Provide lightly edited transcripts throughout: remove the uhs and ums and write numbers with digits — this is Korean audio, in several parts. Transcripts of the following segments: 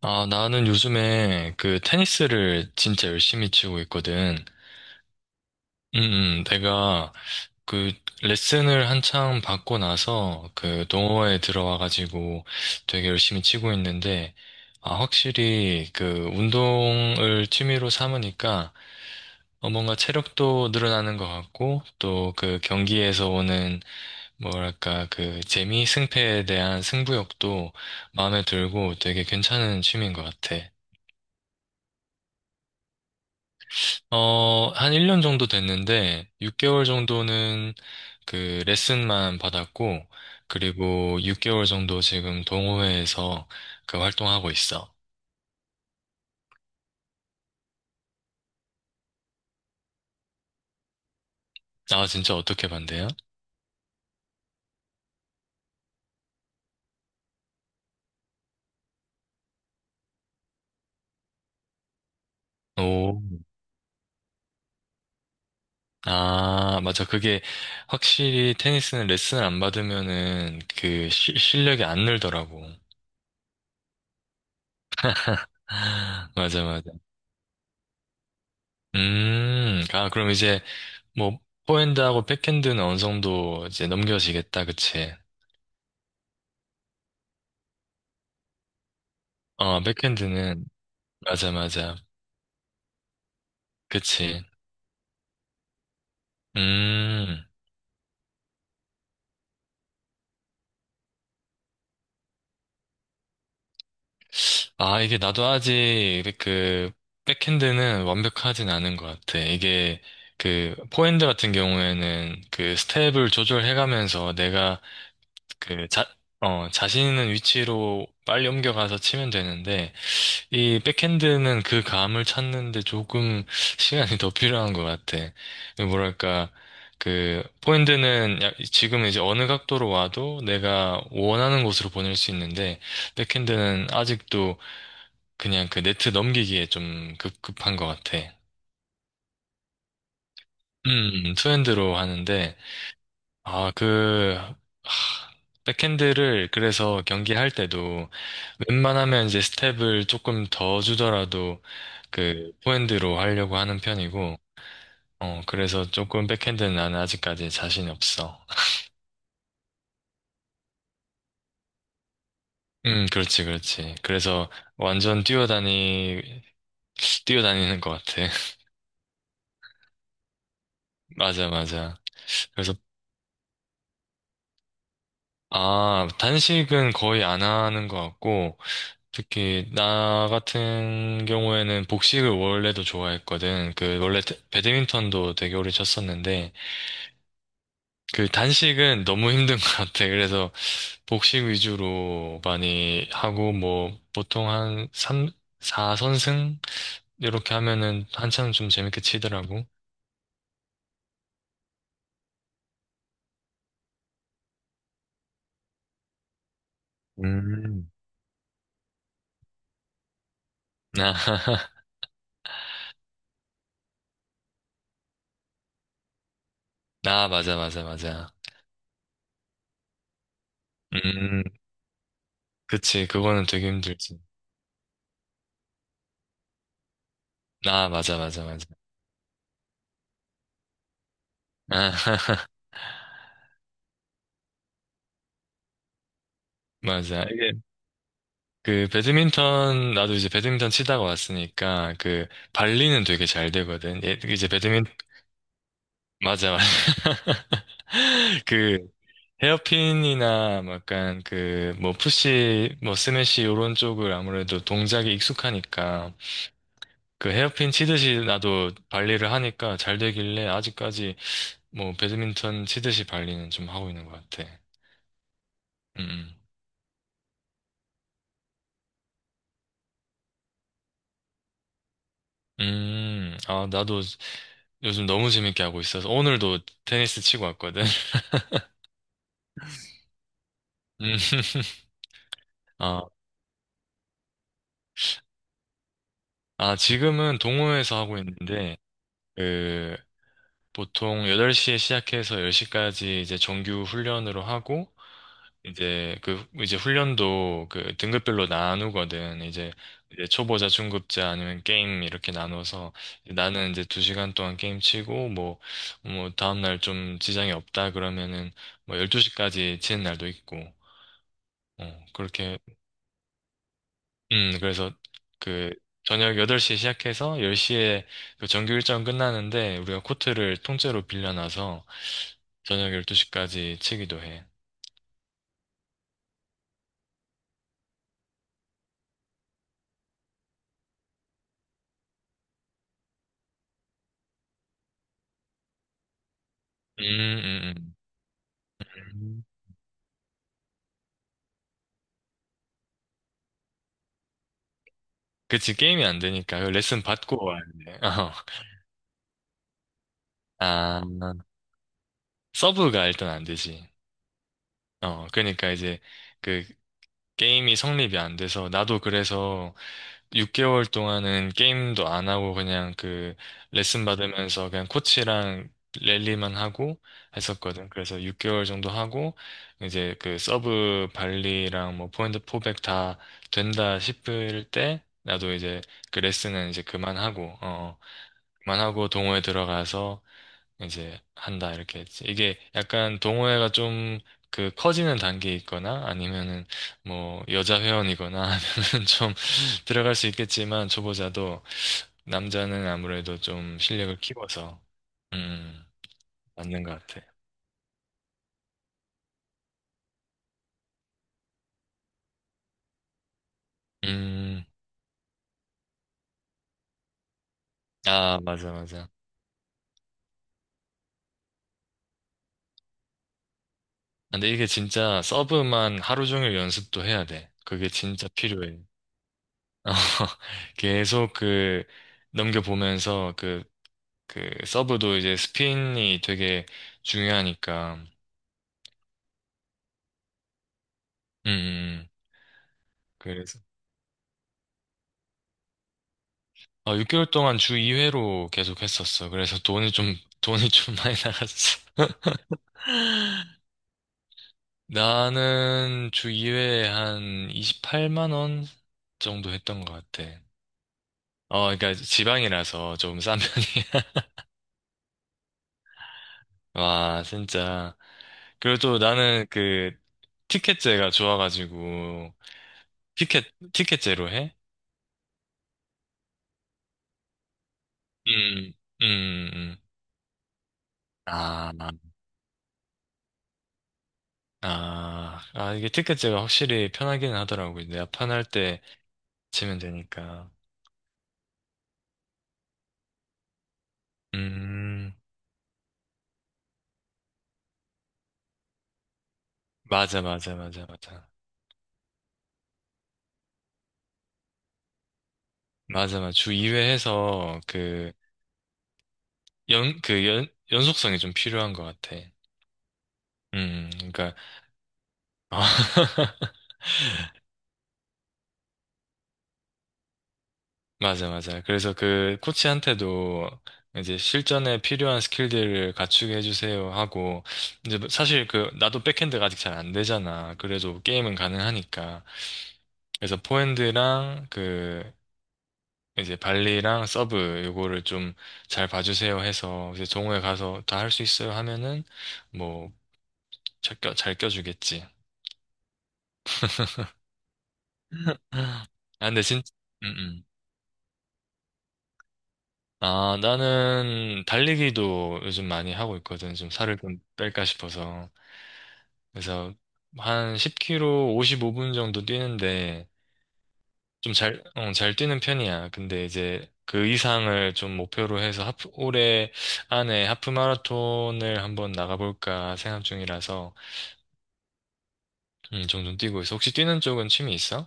아, 나는 요즘에 그 테니스를 진짜 열심히 치고 있거든. 내가 그 레슨을 한창 받고 나서 그 동호회에 들어와가지고 되게 열심히 치고 있는데, 아, 확실히 그 운동을 취미로 삼으니까 뭔가 체력도 늘어나는 것 같고, 또 그 경기에서 오는 뭐랄까 그 재미, 승패에 대한 승부욕도 마음에 들고 되게 괜찮은 취미인 것 같아. 어, 한 1년 정도 됐는데, 6개월 정도는 그 레슨만 받았고, 그리고 6개월 정도 지금 동호회에서 그 활동하고 있어. 아, 진짜 어떻게 반대요? 오, 아, 맞아. 그게 확실히 테니스는 레슨을 안 받으면은 그 실력이 안 늘더라고. 아, 맞아, 맞아. 아, 그럼 이제 뭐, 포핸드하고 백핸드는 어느 정도 이제 넘겨지겠다, 그치? 어, 백핸드는. 맞아, 맞아. 그치. 음. 아, 이게 나도 아직 그 백핸드는 완벽하진 않은 것 같아. 이게 그 포핸드 같은 경우에는 그 스텝을 조절해가면서 내가 그 자, 자신 있는 위치로 빨리 옮겨가서 치면 되는데 이 백핸드는 그 감을 찾는데 조금 시간이 더 필요한 것 같아. 뭐랄까, 그, 포핸드는 지금 이제 어느 각도로 와도 내가 원하는 곳으로 보낼 수 있는데, 백핸드는 아직도 그냥 그 네트 넘기기에 좀 급한 것 같아. 투핸드로 하는데, 아, 하, 백핸드를 그래서 경기할 때도 웬만하면 이제 스텝을 조금 더 주더라도 그 포핸드로 하려고 하는 편이고, 어, 그래서 조금 백핸드는 나는 아직까지 자신이 없어. 그렇지, 그렇지. 그래서 완전 뛰어다니, 뛰어다니는 것 같아. 맞아, 맞아. 그래서, 아, 단식은 거의 안 하는 것 같고, 특히 나 같은 경우에는 복식을 원래도 좋아했거든. 그, 원래 배드민턴도 되게 오래 쳤었는데, 그 단식은 너무 힘든 것 같아. 그래서 복식 위주로 많이 하고, 뭐, 보통 한 3, 4선승? 이렇게 하면은 한참 좀 재밌게 치더라고. 음, 나, 나, 맞아, 맞아, 맞아. 음, 그치, 그거는 되게 힘들지. 나, 맞아, 맞아, 맞아. 아, 맞아. 이게, 그, 배드민턴, 나도 이제 배드민턴 치다가 왔으니까, 그, 발리는 되게 잘 되거든. 예, 맞아, 맞아. 그, 헤어핀이나 뭐 약간 그 뭐 푸시 뭐 스매시 요런 쪽을 아무래도 동작이 익숙하니까 그 헤어핀 치듯이 나도 발리를 하니까 잘 되길래 아직까지 뭐 배드민턴 치듯이 발리는 좀 하고 있는 것 같아. 음. 음. 음. 아, 나도 요즘 너무 재밌게 하고 있어서 오늘도 테니스 치고 왔거든. 음. 아, 아, 지금은 동호회에서 하고 있는데, 그, 보통 8시에 시작해서 10시까지 이제 정규 훈련으로 하고, 이제 그 훈련도 그 등급별로 나누거든. 이제 초보자, 중급자 아니면 게임 이렇게 나눠서 나는 이제 두 시간 동안 게임 치고 뭐 다음 날 좀 지장이 없다 그러면은 뭐 12시까지 치는 날도 있고. 어, 그렇게 그래서 그 저녁 8시에 시작해서 10시에 그 정규 일정 끝나는데 우리가 코트를 통째로 빌려놔서 저녁 12시까지 치기도 해. 음, 음, 음. 그치, 게임이 안 되니까. 그 레슨 받고 와야 돼. 어. 아, 서브가 일단 안 되지. 어, 그러니까 이제 그 게임이 성립이 안 돼서 나도 그래서 6개월 동안은 게임도 안 하고 그냥 그 레슨 받으면서 그냥 코치랑 랠리만 하고 했었거든. 그래서 6개월 정도 하고 이제 그 서브 발리랑 뭐 포인트 포백 다 된다 싶을 때 나도 이제 그 레슨은 이제 그만하고, 어, 그만하고 동호회 들어가서 이제 한다 이렇게 했지. 이게 약간 동호회가 좀 그 커지는 단계에 있거나 아니면은 뭐 여자 회원이거나 하면은 좀 들어갈 수 있겠지만 초보자도 남자는 아무래도 좀 실력을 키워서 음 맞는 것 같아. 음, 아, 맞아, 맞아. 아, 근데 이게 진짜 서브만 하루 종일 연습도 해야 돼. 그게 진짜 필요해. 어, 계속 그 넘겨보면서 그 서브도 이제 스핀이 되게 중요하니까. 음, 음. 그래서 아, 6개월 동안 주 2회로 계속 했었어. 그래서 돈이 좀 많이 나갔어. 나는 주 2회에 한 28만 원 정도 했던 것 같아. 어, 그러니까 지방이라서 좀 싼 편이야. 와, 진짜. 그리고 또 나는 그 티켓제가 좋아가지고 티켓 티켓제로 해? 음, 음, 음. 아. 아, 아, 이게 티켓제가 확실히 편하기는 하더라고요. 내가 판할 때 치면 되니까. 음, 맞아, 맞아, 맞아, 맞아. 맞아, 맞아. 주 2회 해서 연, 그 연, 연속성이 좀 필요한 것 같아. 그러니까, 아, 맞아, 맞아. 그래서 그 코치한테도 이제 실전에 필요한 스킬들을 갖추게 해주세요 하고, 이제 뭐 사실 그, 나도 백핸드가 아직 잘 안 되잖아. 그래도 게임은 가능하니까. 그래서 포핸드랑 그 이제 발리랑 서브 요거를 좀 잘 봐주세요 해서 이제 동호회 가서 다 할 수 있어요 하면은 뭐 잘 껴주겠지. 아, 근데 음, 음. 아, 나는 달리기도 요즘 많이 하고 있거든. 좀 살을 좀 뺄까 싶어서. 그래서 한 1 0 k 오 55분 정도 뛰는데 좀 잘 뛰는 편이야. 근데 이제 그 이상을 좀 목표로 해서 하프, 올해 안에 하프 마라톤을 한번 나가볼까 생각 중이라서. 종종 뛰고 있어. 혹시 뛰는 쪽은 취미 있어?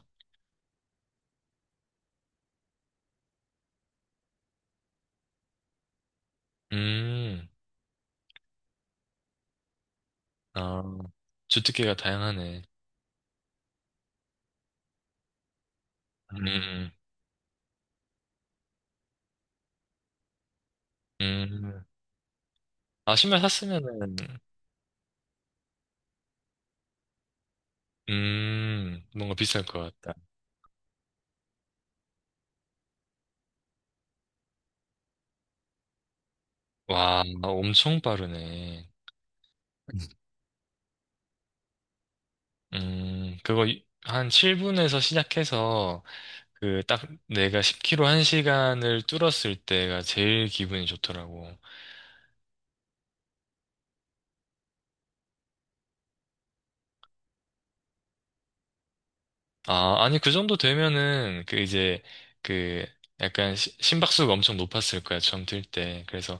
음, 아, 주특기가 다양하네. 음, 음. 아, 신발 샀으면은, 뭔가 비쌀 것 같다. 와, 엄청 빠르네. 그거 한 7분에서 시작해서, 그, 딱 내가 10km 1시간을 뚫었을 때가 제일 기분이 좋더라고. 아, 아니, 그 정도 되면은, 그 이제, 그, 약간 심박수가 엄청 높았을 거야, 처음 뛸 때. 그래서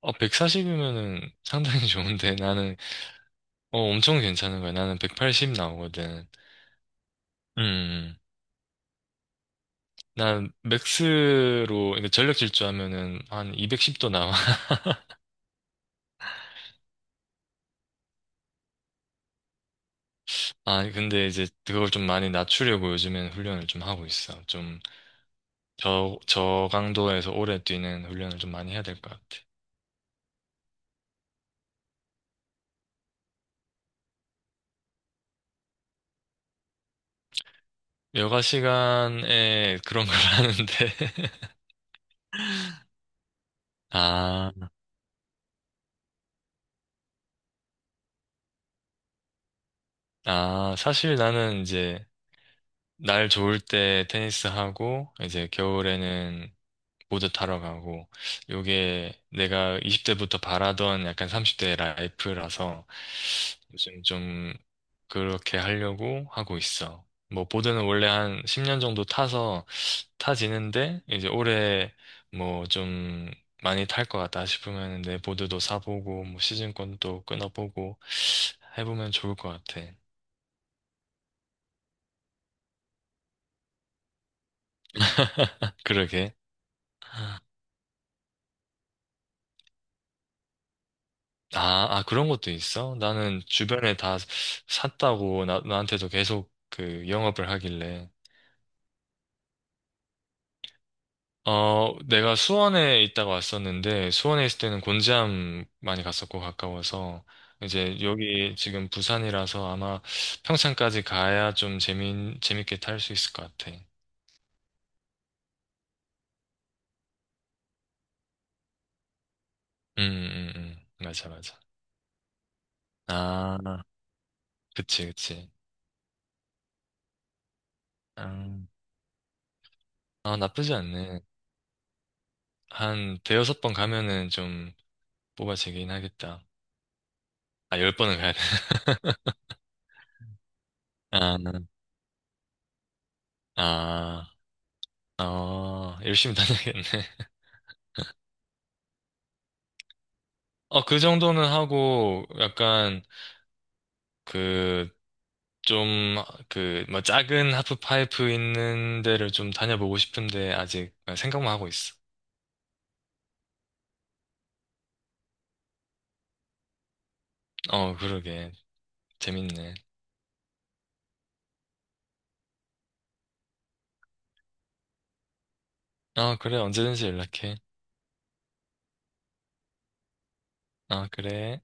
어, 140이면은 상당히 좋은데 나는 어 엄청 괜찮은 거야. 나는 180 나오거든. 음. 음. 난 맥스로 이렇게 전력 질주하면은 한 210도 나와. 아, 근데 이제 그걸 좀 많이 낮추려고 요즘엔 훈련을 좀 하고 있어. 좀 저강도에서 오래 뛰는 훈련을 좀 많이 해야 될 것 같아. 여가 시간에 그런 걸 하는데 아, 아, 사실 나는 이제 날 좋을 때 테니스 하고, 이제 겨울에는 보드 타러 가고, 요게 내가 20대부터 바라던 약간 30대 라이프라서 요즘 좀 그렇게 하려고 하고 있어. 뭐, 보드는 원래 한 10년 정도 타서 타지는데, 이제 올해 뭐 좀 많이 탈 것 같다 싶으면 내 보드도 사보고, 뭐 시즌권도 끊어보고 해보면 좋을 것 같아. 그러게. 아, 그런 것도 있어? 나는 주변에 다 샀다고 나한테도 계속 그 영업을 하길래. 어, 내가 수원에 있다가 왔었는데, 수원에 있을 때는 곤지암 많이 갔었고, 가까워서. 이제 여기 지금 부산이라서 아마 평창까지 가야 좀 재밌게 탈 수 있을 것 같아. 음. 맞아, 맞아. 아, 그치, 그치. 아, 아, 나쁘지 않네. 한 대여섯 번 가면은 좀 뽑아지긴 하겠다. 아, 열 번은 가야 돼. 아, 아, 열심히 다녀야겠네. 어, 그 정도는 하고, 약간, 그, 좀, 그, 뭐, 작은 하프파이프 있는 데를 좀 다녀보고 싶은데, 아직 생각만 하고 있어. 어, 그러게. 재밌네. 아, 그래, 언제든지 연락해. 아, 그래.